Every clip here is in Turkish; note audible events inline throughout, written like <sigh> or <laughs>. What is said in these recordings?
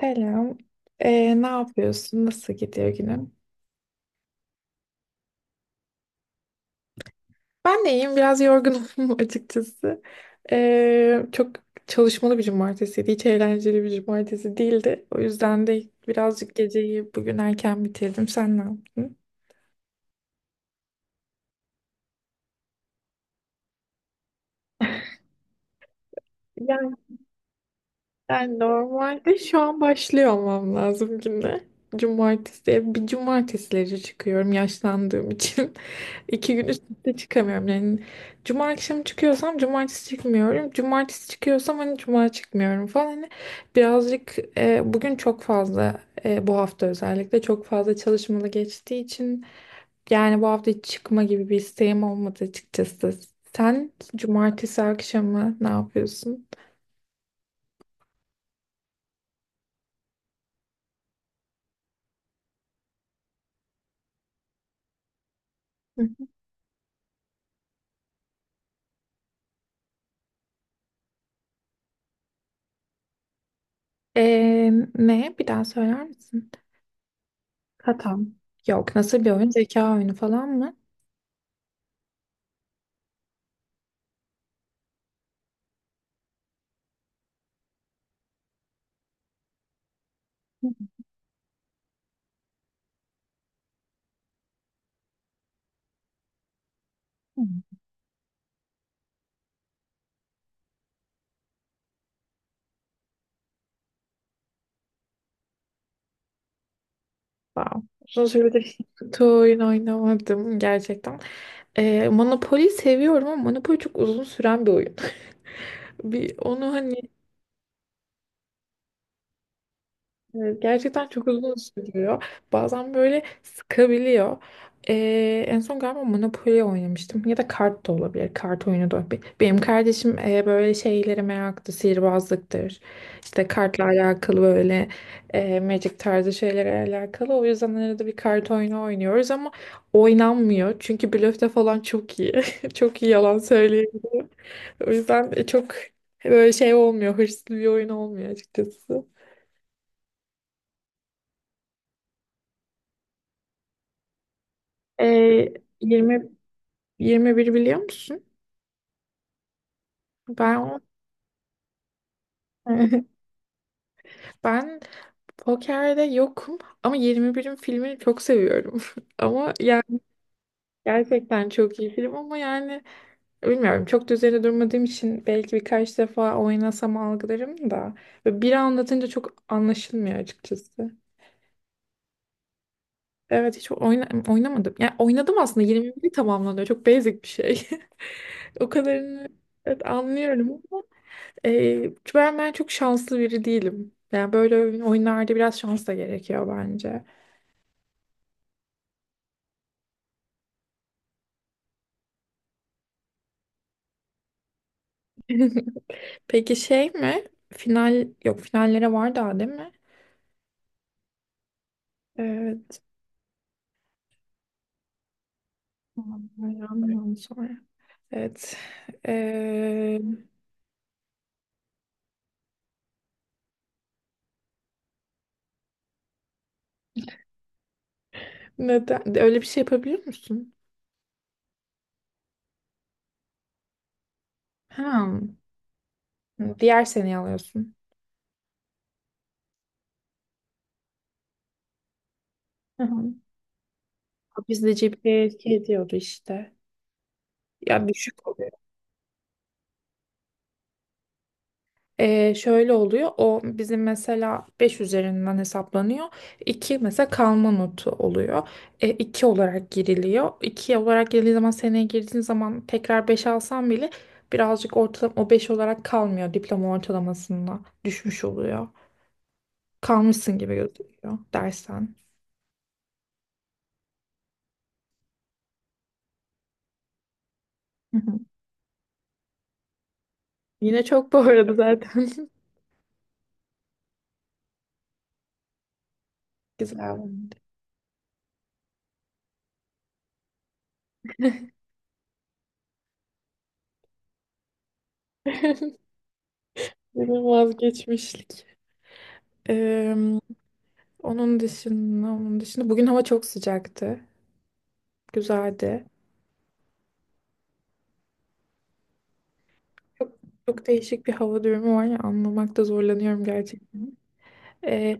Selam. Ne yapıyorsun? Nasıl gidiyor günün? Ben de iyiyim. Biraz yorgunum <laughs> açıkçası. Çok çalışmalı bir cumartesiydi. Hiç eğlenceli bir cumartesi değildi. O yüzden de birazcık geceyi bugün erken bitirdim. Sen ne yaptın? Yani ben normalde şu an başlıyor olmam lazım güne. Cumartesi. Bir cumartesileri çıkıyorum yaşlandığım için. <laughs> İki gün üst üste çıkamıyorum. Yani cuma akşamı çıkıyorsam cumartesi çıkmıyorum. Cumartesi çıkıyorsam hani cuma çıkmıyorum falan. Hani birazcık bugün çok fazla bu hafta özellikle çok fazla çalışmalı geçtiği için yani bu hafta hiç çıkma gibi bir isteğim olmadı açıkçası. Sen cumartesi akşamı ne yapıyorsun? Hı hı. E, ne? Bir daha söyler misin? Katan. Yok. Nasıl bir oyun? Zeka oyunu falan mı? Wow. Uzun süredir hiç kutu oyun oynamadım gerçekten. Monopoly seviyorum ama Monopoly çok uzun süren bir oyun. <laughs> Bir onu hani gerçekten çok uzun sürüyor. Bazen böyle sıkabiliyor. En son galiba Monopoly oynamıştım ya da kart da olabilir. Kart oyunu da olabilir. Benim kardeşim böyle şeylere meraklı, sihirbazlıktır. İşte kartla alakalı böyle Magic tarzı şeylere alakalı. O yüzden arada bir kart oyunu oynuyoruz ama oynanmıyor. Çünkü blöfte falan çok iyi. <laughs> Çok iyi yalan söylüyor. O yüzden çok böyle şey olmuyor, hırslı bir oyun olmuyor açıkçası. Ee, 20 21 biliyor musun? Ben o- <laughs> ben pokerde yokum ama 21'in filmini çok seviyorum. <laughs> Ama yani gerçekten çok iyi film ama yani bilmiyorum çok da üzerine durmadığım için belki birkaç defa oynasam algılarım da böyle biri anlatınca çok anlaşılmıyor açıkçası. Evet hiç oynamadım. Yani oynadım aslında 21'i tamamlanıyor. Çok basic bir şey. <laughs> O kadarını evet, anlıyorum ama ben çok şanslı biri değilim. Yani böyle oyunlarda biraz şans da gerekiyor bence. <laughs> Peki şey mi? Finallere var daha değil mi? Evet. Tamam, Bayramdan sonra. Evet. Ee, neden? Öyle bir şey yapabiliyor musun? Ha. Diğer seneyi alıyorsun. Hı hı. Bizde GPA etki ediyordu işte. Ya düşük oluyor. Şöyle oluyor. O bizim mesela 5 üzerinden hesaplanıyor. İki mesela kalma notu oluyor. 2 olarak giriliyor. İki olarak girildiği zaman seneye girdiğin zaman tekrar 5 alsan bile birazcık ortalama o 5 olarak kalmıyor. Diploma ortalamasında düşmüş oluyor. Kalmışsın gibi gözüküyor dersen. Hı hı. Yine çok bu arada zaten. <laughs> Güzel. Oldu. <laughs> Yine vazgeçmişlik. Ee, onun dışında bugün hava çok sıcaktı. Güzeldi. Çok, çok değişik bir hava durumu var ya anlamakta zorlanıyorum gerçekten. Ee,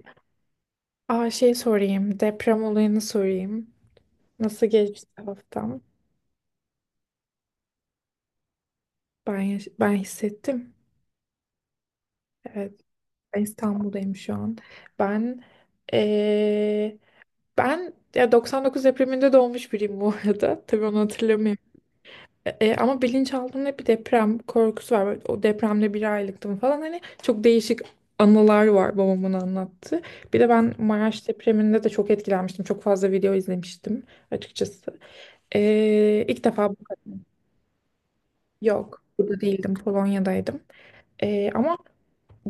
aa şey sorayım. Deprem olayını sorayım. Nasıl geçti haftam? Ben hissettim. Evet. Ben İstanbul'dayım şu an. Ben ee, ben ya 99 depreminde doğmuş biriyim bu arada. Tabii onu hatırlamıyorum. Ama bilinçaltımda hep bir deprem korkusu var. Böyle o depremde bir aylıktım falan. Hani çok değişik anılar var babamın anlattığı. Bir de ben Maraş depreminde de çok etkilenmiştim. Çok fazla video izlemiştim açıkçası. İlk defa bu kadar. Yok. Burada değildim. Polonya'daydım. Ama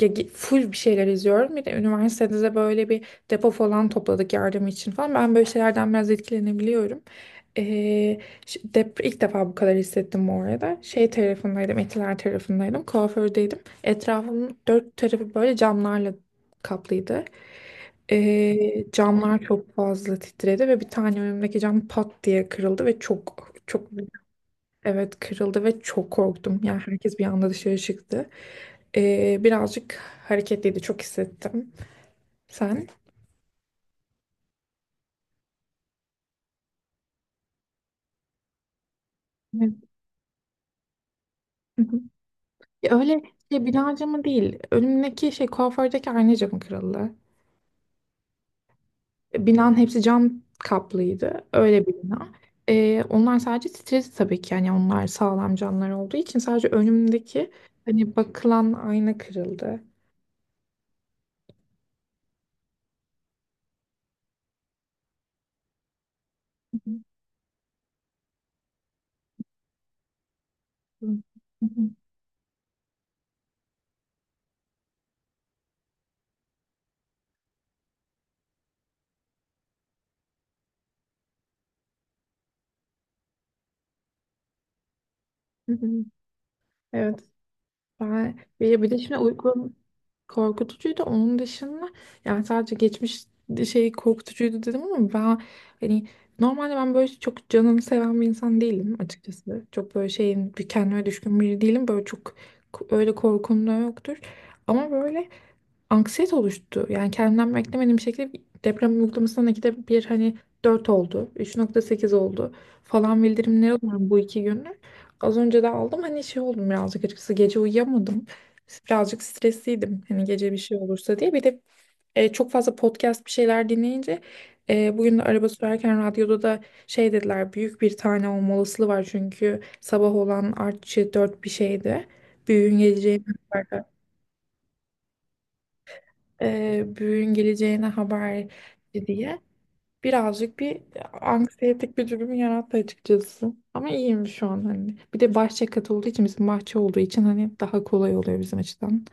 full bir şeyler izliyorum. Bir de üniversitede de böyle bir depo falan topladık yardım için falan. Ben böyle şeylerden biraz etkilenebiliyorum. Ee, ilk defa bu kadar hissettim bu arada. Şey tarafındaydım, Etiler tarafındaydım, kuafördeydim. Etrafımın dört tarafı böyle camlarla kaplıydı. Camlar çok fazla titredi ve bir tane önümdeki cam pat diye kırıldı ve çok çok evet kırıldı ve çok korktum. Yani herkes bir anda dışarı çıktı. Birazcık hareketliydi. Çok hissettim. Sen? <laughs> Evet. Hı hı. Ya öyle şey bina camı değil. Önümdeki şey kuafördeki ayna camı kırıldı. Binanın hepsi cam kaplıydı. Öyle bir bina. Onlar sadece titredi tabii ki. Yani onlar sağlam camlar olduğu için sadece önümdeki hani bakılan ayna kırıldı. Hı hı. Hı hı. Evet ben bir de şimdi uyku korkutucuydu onun dışında yani sadece geçmiş şey korkutucuydu dedim ama ben hani normalde ben böyle çok canını seven bir insan değilim açıkçası çok böyle şeyin bir kendime düşkün biri değilim böyle çok öyle korkum da yoktur ama böyle anksiyete oluştu. Yani kendimden beklemediğim bir şekilde deprem uygulamasından ikide bir hani 4 oldu, 3,8 oldu falan bildirimleri alıyorum bu iki gündür. Az önce de aldım hani şey oldum birazcık açıkçası gece uyuyamadım. Birazcık stresliydim hani gece bir şey olursa diye. Bir de çok fazla podcast bir şeyler dinleyince bugün de araba sürerken radyoda da şey dediler büyük bir tane olma olasılığı var çünkü sabah olan artçı 4 bir şeydi. Büyüğün geleceği <laughs> büyüğün geleceğine haber diye birazcık bir anksiyetik bir durum yarattı açıkçası. Ama iyiyim şu an hani. Bir de bahçe katı olduğu için bizim bahçe olduğu için hani daha kolay oluyor bizim açıdan.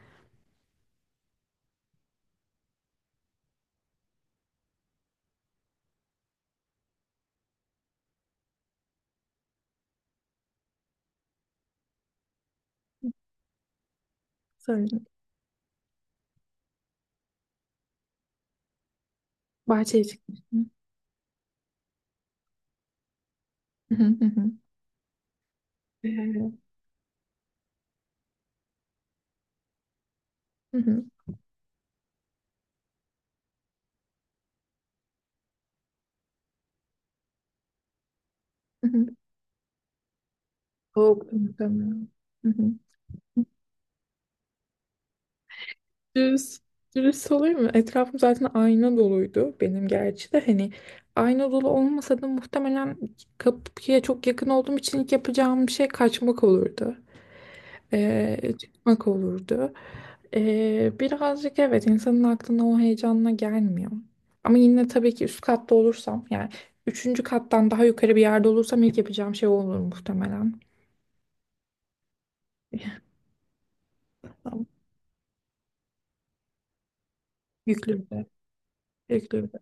Sonra bahçeye çıkmıştım. <laughs> Hı hı hı. Hı hı. Hı hı. Soğuk muhtemelen. Dürüst, dürüst olayım mı? Etrafım zaten ayna doluydu benim gerçi de hani ayna dolu olmasa da muhtemelen kapıya çok yakın olduğum için ilk yapacağım şey kaçmak olurdu. Çıkmak olurdu. Birazcık evet insanın aklına o heyecanla gelmiyor. Ama yine tabii ki üst katta olursam yani üçüncü kattan daha yukarı bir yerde olursam ilk yapacağım şey olur muhtemelen. <laughs> Yüklü bir de. Yüklü bir de.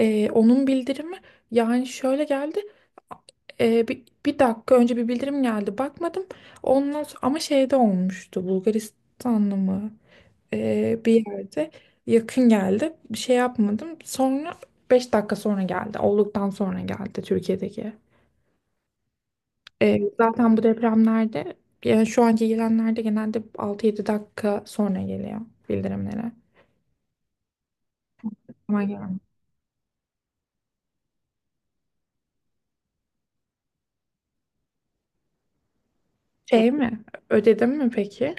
Onun bildirimi yani şöyle geldi. Bir dakika önce bir bildirim geldi. Bakmadım. Ondan sonra, ama şeyde olmuştu. Bulgaristan'da mı? Bir yerde yakın geldi. Bir şey yapmadım. Sonra 5 dakika sonra geldi. Olduktan sonra geldi Türkiye'deki. Zaten bu depremlerde yani şu anki gelenlerde genelde altı yedi dakika sonra geliyor bildirimlere. Ama yani şey mi? Ödedim mi peki?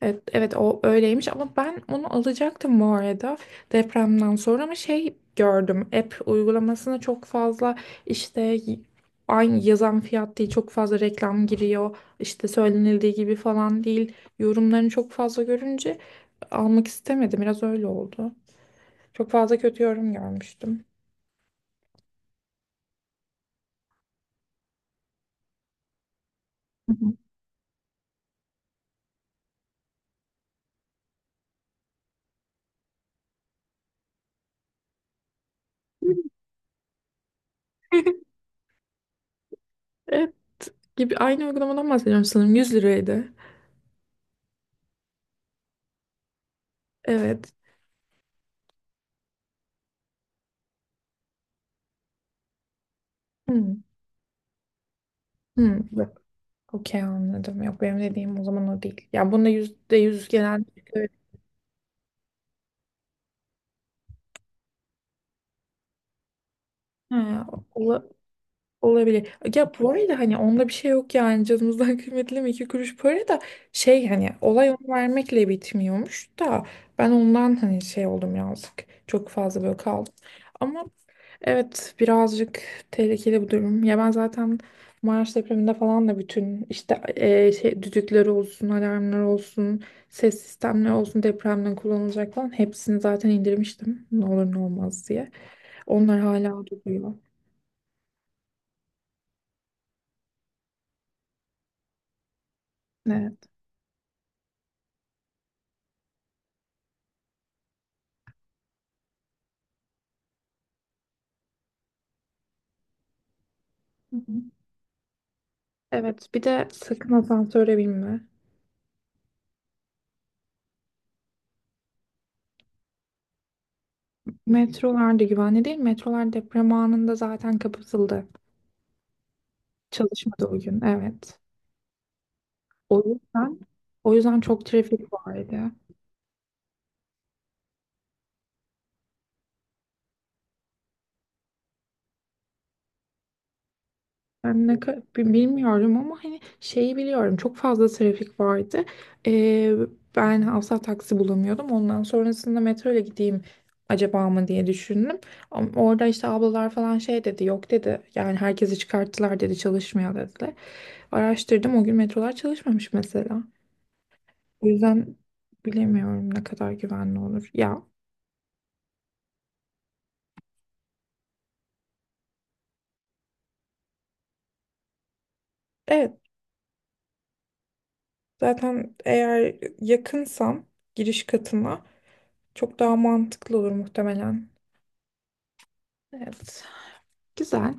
Evet, evet o öyleymiş ama ben onu alacaktım bu arada depremden sonra ama şey gördüm app uygulamasına çok fazla işte aynı yazan fiyat değil çok fazla reklam giriyor işte söylenildiği gibi falan değil yorumlarını çok fazla görünce almak istemedim biraz öyle oldu. Çok fazla kötü yorum görmüştüm. Hı hı. <laughs> Evet gibi aynı uygulamadan bahsediyorum sanırım 100 liraydı. Evet. Hmm. Hmm. Okey anladım. Yok benim dediğim o zaman o değil. Ya bunda yüzde yüz genel ha, ola- olabilir. Ya bu arada hani onda bir şey yok yani canımızdan <laughs> kıymetli mi iki kuruş para da şey hani olay onu vermekle bitmiyormuş da ben ondan hani şey oldum yazık. Çok fazla böyle kaldım. Ama. Evet, birazcık tehlikeli bu durum. Ya ben zaten Maraş depreminde falan da bütün işte şey, düdükleri olsun, alarmlar olsun, ses sistemleri olsun depremden kullanılacak falan hepsini zaten indirmiştim. Ne olur ne olmaz diye. Onlar hala duruyor. Evet. Hı hı. Evet, bir de sakın asansöre binme. Metrolar da güvenli değil. Metrolar deprem anında zaten kapatıldı. Çalışmadı o gün. Evet. O yüzden o yüzden çok trafik vardı. Ben ne ka- bi- bilmiyorum ama hani şeyi biliyorum çok fazla trafik vardı. Ee, ben asla taksi bulamıyordum. Ondan sonrasında metro ile gideyim acaba mı diye düşündüm. Ama orada işte ablalar falan şey dedi yok dedi. Yani herkesi çıkarttılar dedi çalışmıyor dediler. Araştırdım o gün metrolar çalışmamış mesela. O yüzden bilemiyorum ne kadar güvenli olur. Ya evet zaten eğer yakınsam giriş katına çok daha mantıklı olur muhtemelen. Evet. Güzel.